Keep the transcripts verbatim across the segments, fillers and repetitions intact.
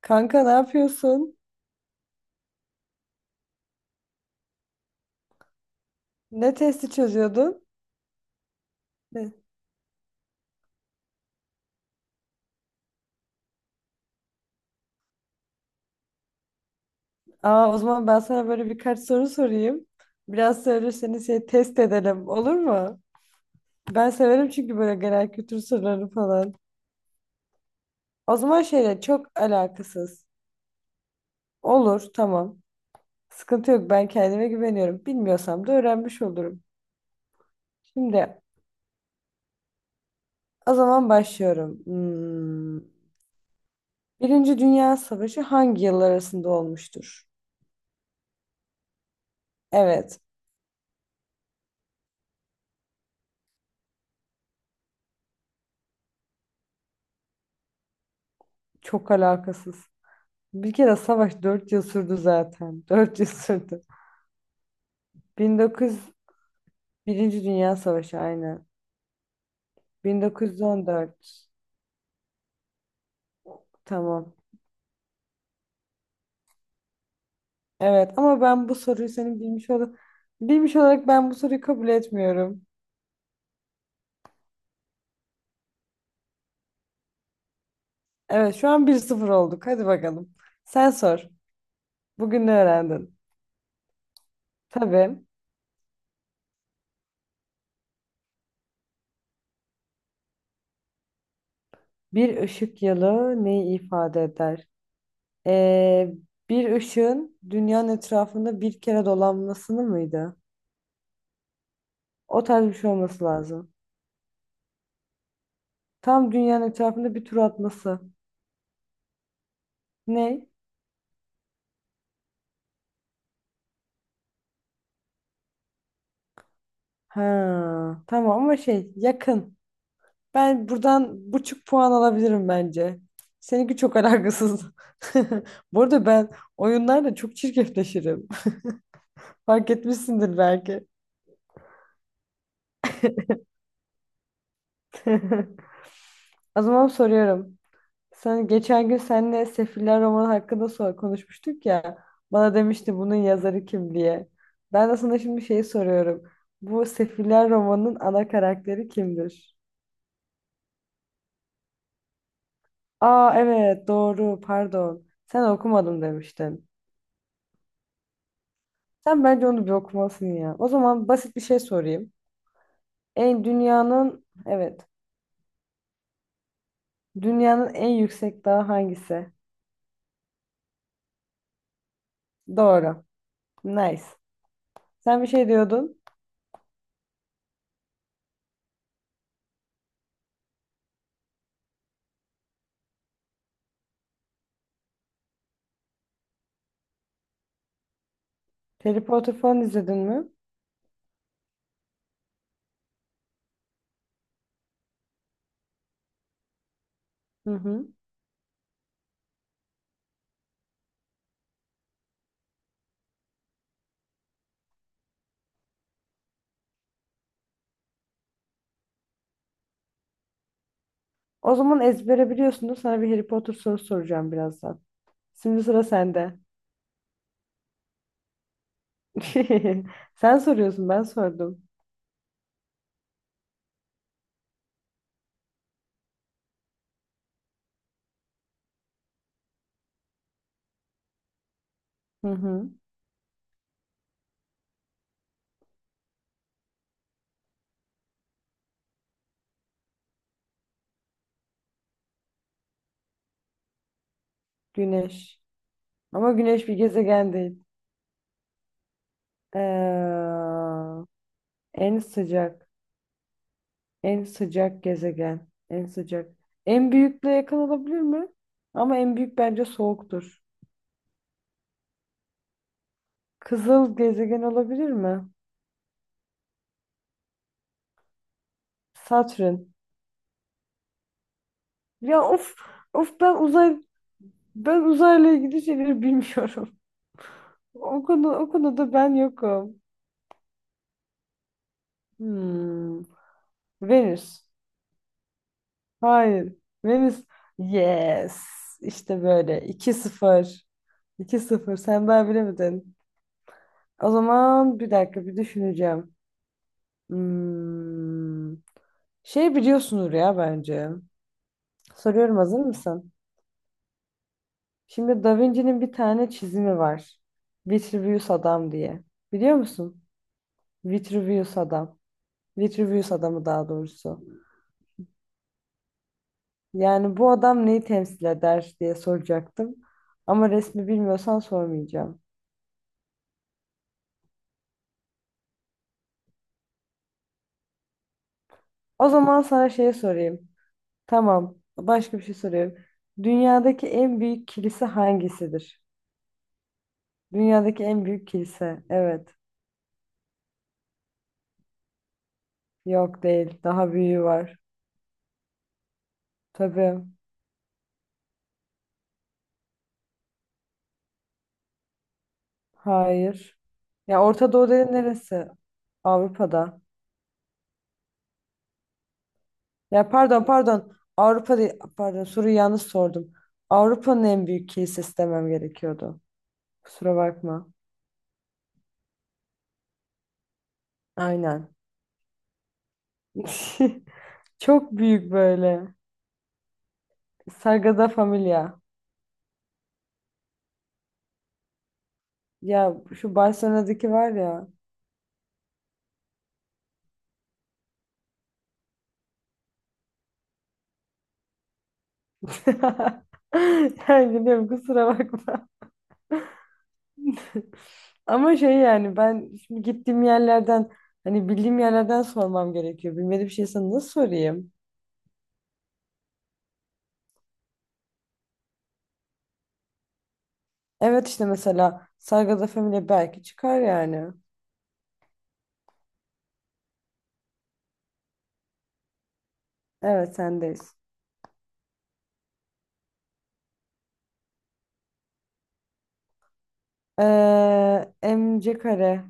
Kanka ne yapıyorsun? Ne testi çözüyordun? Ne? Aa, o zaman ben sana böyle birkaç soru sorayım. Biraz söylürseniz şey test edelim olur mu? Ben severim çünkü böyle genel kültür soruları falan. O zaman şeyle çok alakasız. Olur, tamam. Sıkıntı yok, ben kendime güveniyorum. Bilmiyorsam da öğrenmiş olurum. Şimdi o zaman başlıyorum. Hmm. Birinci Dünya Savaşı hangi yıllar arasında olmuştur? Evet, çok alakasız. Bir kere savaş dört yıl sürdü zaten. dört yıl sürdü. bin dokuz yüz Birinci Dünya Savaşı aynen. bin dokuz yüz on dört. Tamam. Evet ama ben bu soruyu senin bilmiş ol bilmiş olarak ben bu soruyu kabul etmiyorum. Evet, şu an bir sıfır olduk. Hadi bakalım. Sen sor. Bugün ne öğrendin? Tabii. Bir ışık yılı neyi ifade eder? Ee, bir ışığın dünyanın etrafında bir kere dolanmasını mıydı? O tarz bir şey olması lazım. Tam dünyanın etrafında bir tur atması. Ne? Ha, tamam ama şey yakın. Ben buradan buçuk puan alabilirim bence. Seninki çok alakasız. Bu arada ben oyunlarla çok çirkefleşirim. Fark etmişsindir belki. O zaman soruyorum. Sen geçen gün seninle Sefiller romanı hakkında sor- konuşmuştuk ya. Bana demişti bunun yazarı kim diye. Ben de sana şimdi şeyi soruyorum. Bu Sefiller romanının ana karakteri kimdir? Aa, evet doğru, pardon. Sen okumadım demiştin. Sen bence onu bir okumalısın ya. O zaman basit bir şey sorayım. En dünyanın evet dünyanın en yüksek dağı hangisi? Doğru. Nice. Sen bir şey diyordun. Harry Potter falan izledin mi? Hı hı. O zaman ezbere biliyorsundur. Sana bir Harry Potter sorusu soracağım birazdan. Şimdi sıra sende. Sen soruyorsun, ben sordum. Hı hı. Güneş. Ama güneş bir gezegen değil. Ee, En sıcak, en sıcak gezegen, en sıcak. En büyükle yakın olabilir mi? Ama en büyük bence soğuktur. Kızıl gezegen olabilir mi? Satürn. Ya of, of ben uzay ben uzayla ilgili şeyleri bilmiyorum. O konu o konuda ben yokum. Hmm. Venüs. Hayır. Venüs. Yes. İşte böyle. iki sıfır. iki sıfır. Sen daha bilemedin. O zaman bir dakika bir düşüneceğim. Hmm. Şey biliyorsunuz ya bence. Soruyorum, hazır mısın? Şimdi Da Vinci'nin bir tane çizimi var. Vitruvius adam diye. Biliyor musun? Vitruvius adam. Vitruvius adamı daha doğrusu. Yani bu adam neyi temsil eder diye soracaktım. Ama resmi bilmiyorsan sormayacağım. O zaman sana şey sorayım. Tamam. Başka bir şey soruyorum. Dünyadaki en büyük kilise hangisidir? Dünyadaki en büyük kilise. Evet. Yok, değil. Daha büyüğü var. Tabii. Hayır. Ya Orta Doğu dediğin neresi? Avrupa'da. Ya, pardon pardon. Avrupa değil. Pardon, soruyu yanlış sordum. Avrupa'nın en büyük kilisesi demem gerekiyordu. Kusura bakma. Aynen. Çok büyük böyle. Sagrada Familia. Ya şu Barcelona'daki var ya. Yani biliyorum, kusura bakma. Ama şey yani ben şimdi gittiğim yerlerden hani bildiğim yerlerden sormam gerekiyor. Bilmediğim şey sana nasıl sorayım? Evet, işte mesela Sagrada Familia belki çıkar yani. Evet, sendeyiz. Ee, MC kare.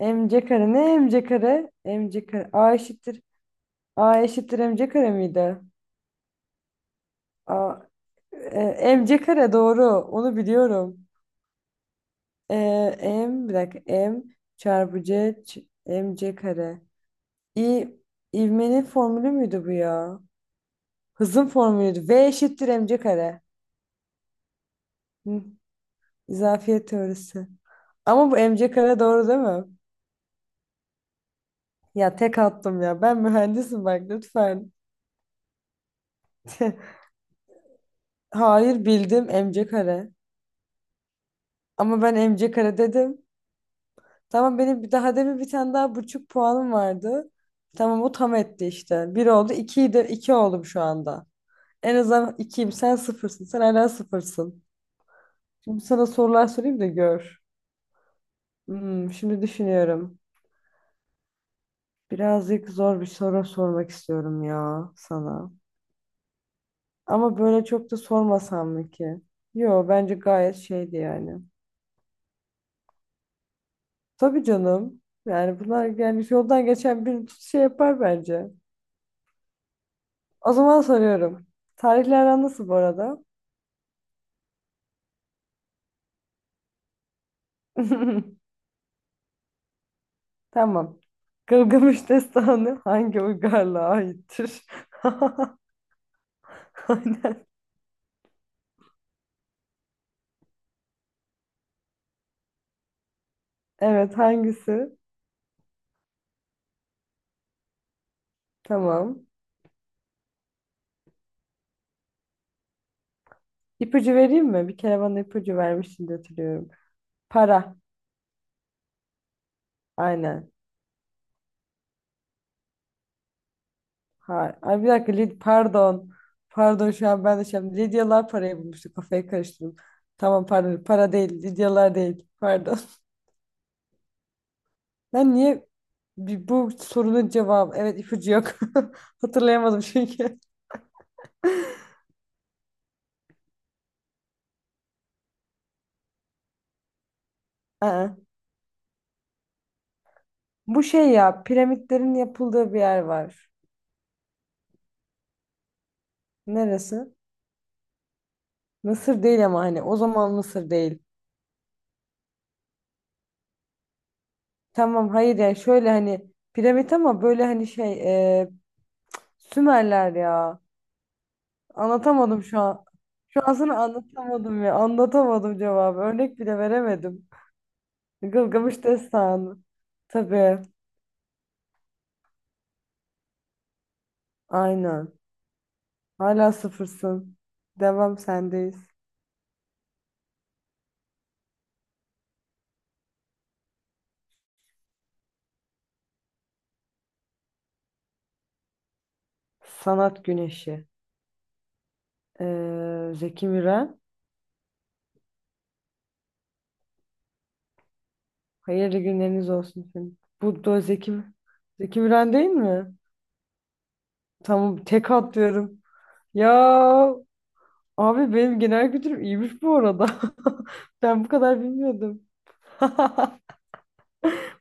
MC kare ne MC kare? MC kare. A eşittir. A eşittir M C kare miydi? A, e, M C kare doğru. Onu biliyorum. Ee, M bir dakika. M çarpı C ç- M C kare. İ, ivmenin formülü müydü bu ya? Hızın formülüydü. V eşittir mc kare. Hı, izafiyet teorisi. Ama bu mc kare doğru değil mi? Ya tek attım ya. Ben mühendisim, bak lütfen. Hayır, bildim mc kare. Ama ben mc kare dedim. Tamam, benim bir daha demin bir tane daha buçuk puanım vardı. Tamam, o tam etti işte. Bir oldu, ikiyi de iki oldum şu anda. En azından ikiyim, sen sıfırsın. Sen hala sıfırsın. Şimdi sana sorular sorayım da gör. Hmm, şimdi düşünüyorum. Birazcık zor bir soru sormak istiyorum ya sana. Ama böyle çok da sormasam mı ki? Yo, bence gayet şeydi yani. Tabii canım. Yani bunlar yani yoldan geçen bir şey yapar bence. O zaman soruyorum. Tarihler aran nasıl bu arada? Tamam. Gılgamış Destanı hangi uygarlığa aittir? Aynen. Evet, hangisi? Tamam. İpucu vereyim mi? Bir kere bana ipucu vermiştin de hatırlıyorum. Para. Aynen. Ha, ay bir dakika, Lid pardon. Pardon, şu an ben de şey yaptım. Lidyalar parayı bulmuştu. Kafayı karıştırdım. Tamam, pardon. Para değil. Lidyalar değil. Pardon. Ben niye bir- bu sorunun cevabı evet ipucu yok. Hatırlayamadım çünkü. Aa. Bu şey ya piramitlerin yapıldığı bir yer var. Neresi? Mısır değil ama hani o zaman Mısır değil. Tamam, hayır yani şöyle hani piramit ama böyle hani şey e, Sümerler ya. Anlatamadım şu an. Destansı anlatamadım ya. Anlatamadım cevabı. Örnek bile veremedim. Gılgamış Destanı. Tabii. Aynen. Hala sıfırsın. Devam, sendeyiz. Sanat Güneşi. Ee, Zeki Müren. Hayırlı günleriniz olsun senin. Bu da Zeki, Zeki Müren değil mi? Tamam, tek atlıyorum. Ya abi benim genel kültürüm iyiymiş bu arada. Ben bu kadar bilmiyordum.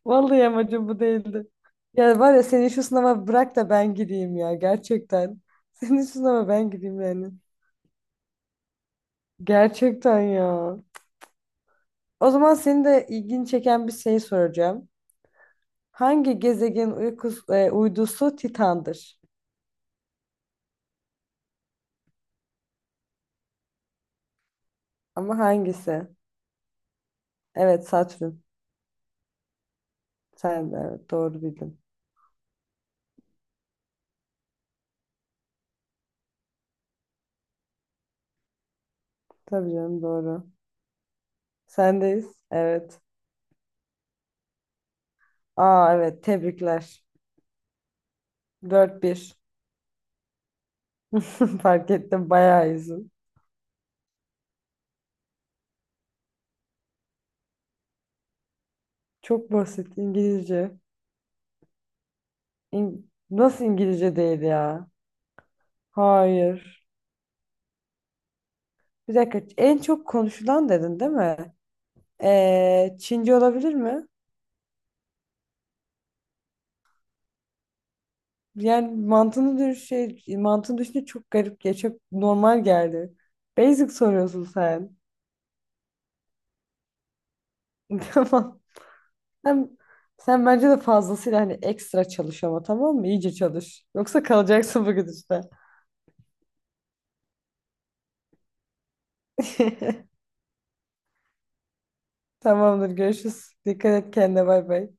Vallahi amacım bu değildi. Ya var ya, senin şu sınava bırak da ben gideyim ya, gerçekten. Senin şu sınava ben gideyim yani. Gerçekten ya. O zaman seni de ilgini çeken bir şey soracağım. Hangi gezegen uykus, e, uydusu Titan'dır? Ama hangisi? Evet, Satürn. Sen de evet doğru bildin. Tabii canım, doğru. Sendeyiz. Evet. Aa evet, tebrikler. Dört bir. Fark ettim, bayağı iyisin. Çok basit, İngilizce. İng- Nasıl İngilizce değil ya? Hayır. Bir dakika. En çok konuşulan dedin değil mi? Ee, Çince olabilir mi? Yani mantığını düş şey, mantığını düşünce çok garip ya. Çok normal geldi. Basic soruyorsun sen. Tamam. Sen, sen bence de fazlasıyla hani ekstra çalış ama tamam mı? İyice çalış. Yoksa kalacaksın bugün işte. Tamamdır. Görüşürüz. Dikkat et kendine. Bay bay.